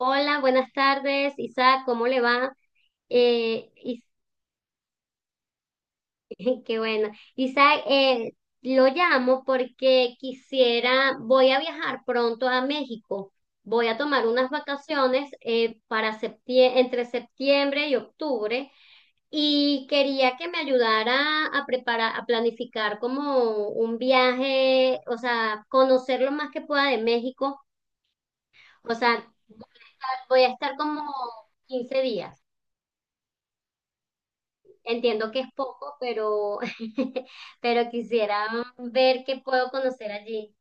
Hola, buenas tardes, Isaac, ¿cómo le va? Eh, Is- ¡Qué bueno! Isaac, lo llamo porque voy a viajar pronto a México, voy a tomar unas vacaciones para entre septiembre y octubre, y quería que me ayudara a preparar, a planificar como un viaje, o sea, conocer lo más que pueda de México, o sea, voy a estar como 15 días. Entiendo que es poco, pero, pero quisiera ver qué puedo conocer allí.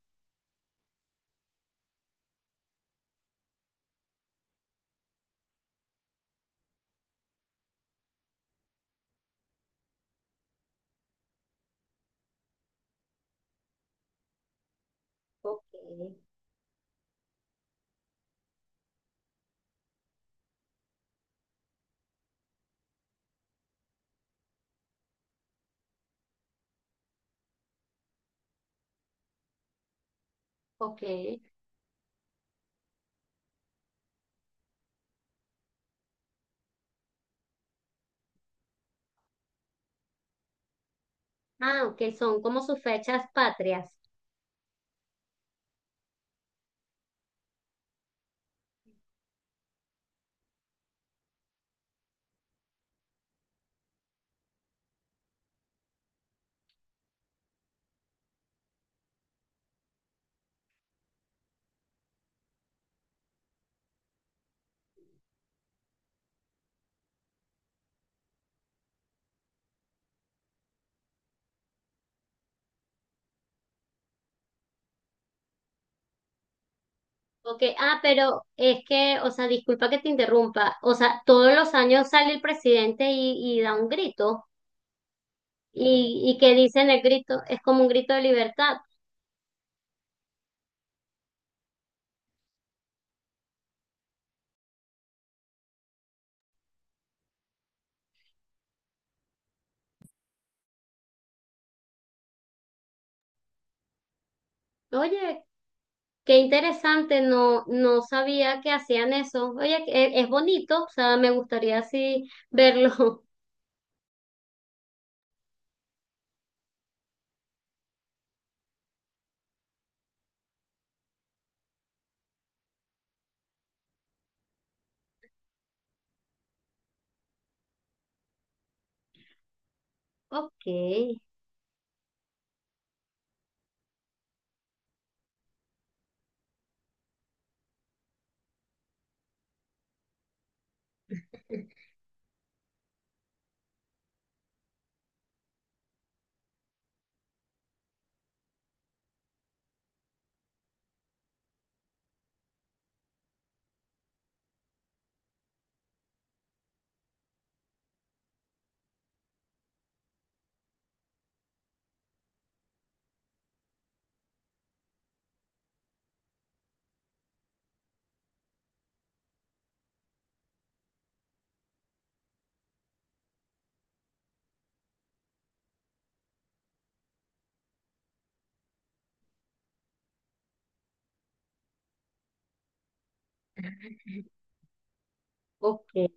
Ok, ok. Ah, ok, son como sus fechas patrias. Ok, ah, pero es que, o sea, disculpa que te interrumpa. O sea, todos los años sale el presidente y da un grito. Y que dicen el grito, es como un grito de libertad. Oye, qué interesante, no, no sabía que hacían eso. Oye, es bonito, o sea, me gustaría así verlo. Ok, ok,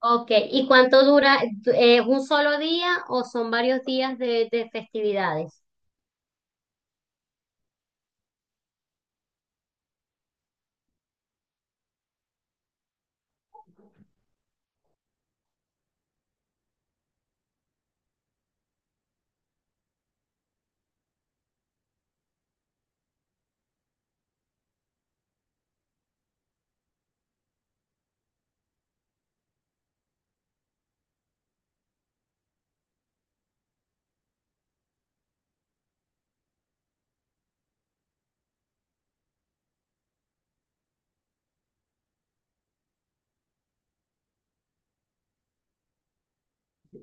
ok. ¿Y cuánto dura? ¿Es un solo día o son varios días de festividades?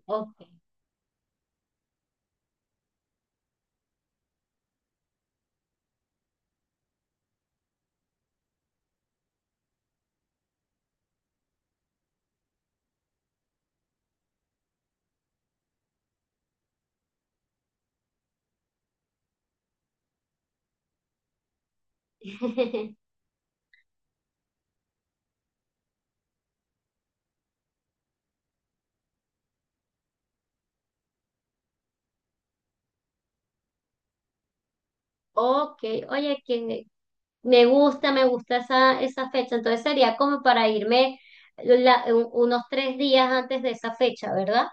Ok. Ok, oye, que me gusta esa, esa fecha. Entonces sería como para irme unos 3 días antes de esa fecha, ¿verdad?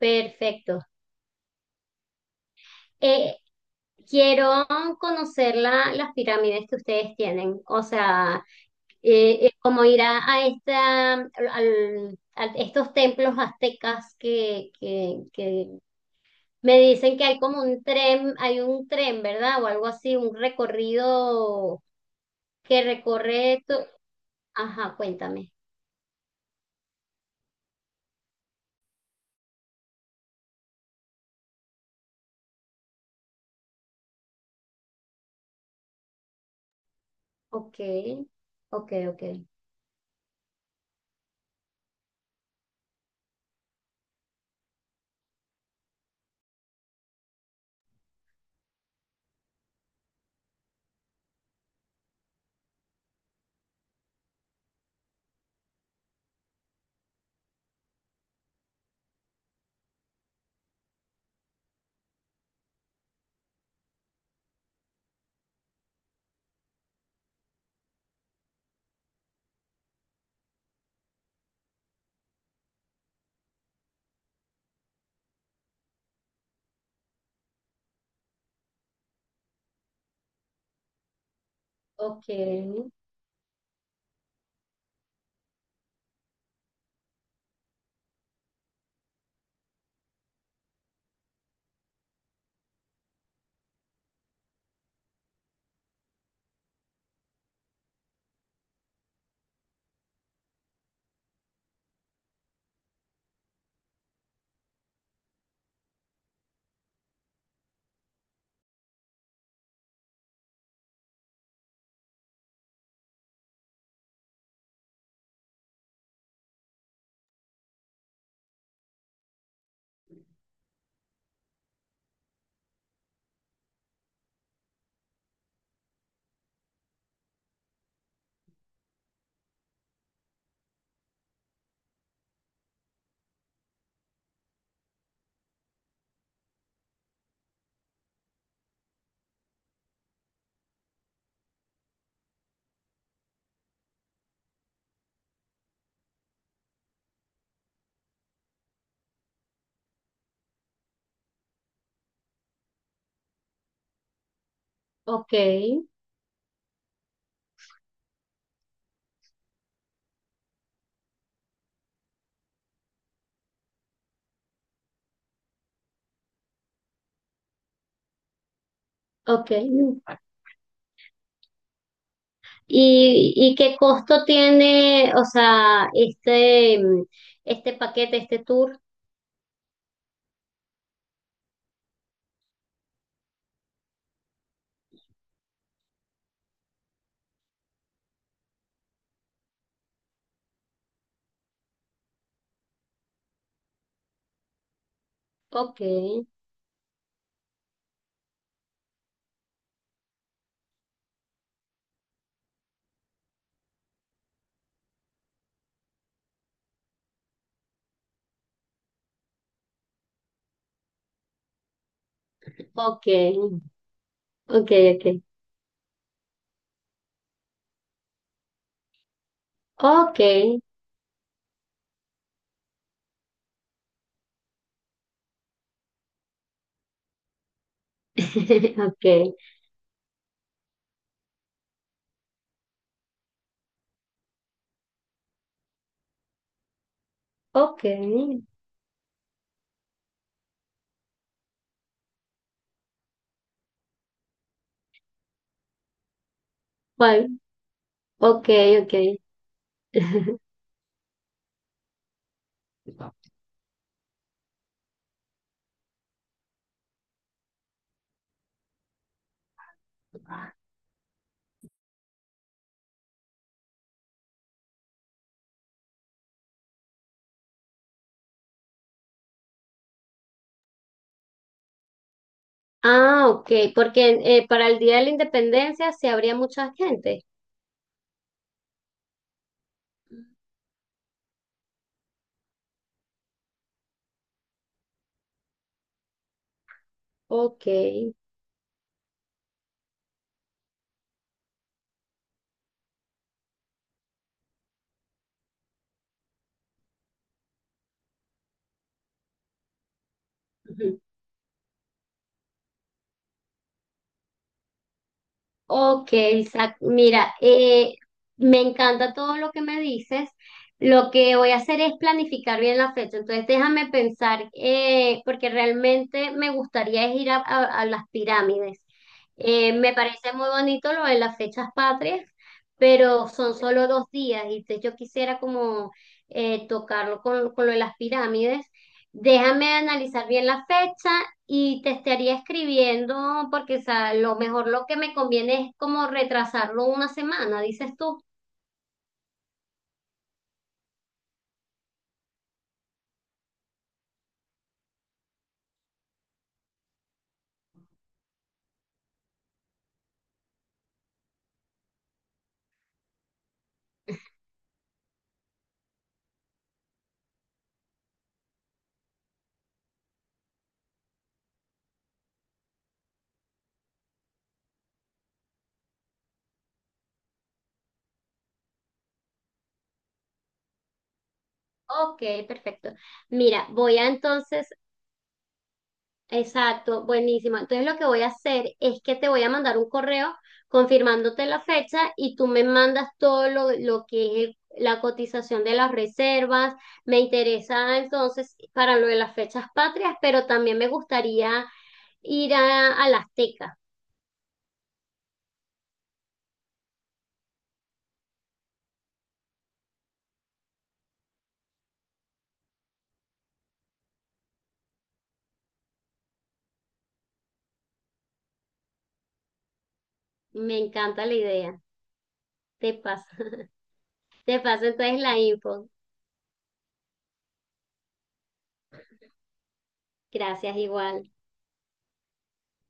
Perfecto. Eh, quiero conocer las pirámides que ustedes tienen. O sea, como ir a esta, a estos templos aztecas que me dicen que hay como un tren, hay un tren, ¿verdad? O algo así, un recorrido que Ajá, cuéntame. Ok, ok, ok, ok, ok, ok. Y qué costo tiene, o sea, este paquete, este tour? Ok. Ok, ok, ok. Ok, ok, ok, bueno, ok, ok. Ah, ok, porque para el Día de la Independencia se habría mucha gente. Ok. Ok, Isaac, mira, me encanta todo lo que me dices. Lo que voy a hacer es planificar bien la fecha. Entonces, déjame pensar, porque realmente me gustaría es ir a, a las pirámides. Me parece muy bonito lo de las fechas patrias, pero son solo 2 días. Y entonces yo quisiera como tocarlo con lo de las pirámides. Déjame analizar bien la fecha y te estaría escribiendo porque, o sea, lo mejor, lo que me conviene es como retrasarlo una semana, dices tú. Ok, perfecto. Mira, voy a entonces, exacto, buenísimo. Entonces lo que voy a hacer es que te voy a mandar un correo confirmándote la fecha y tú me mandas todo lo que es la cotización de las reservas. Me interesa entonces para lo de las fechas patrias, pero también me gustaría ir a la Azteca. Me encanta la idea. Te paso. Te paso entonces la info. Gracias igual.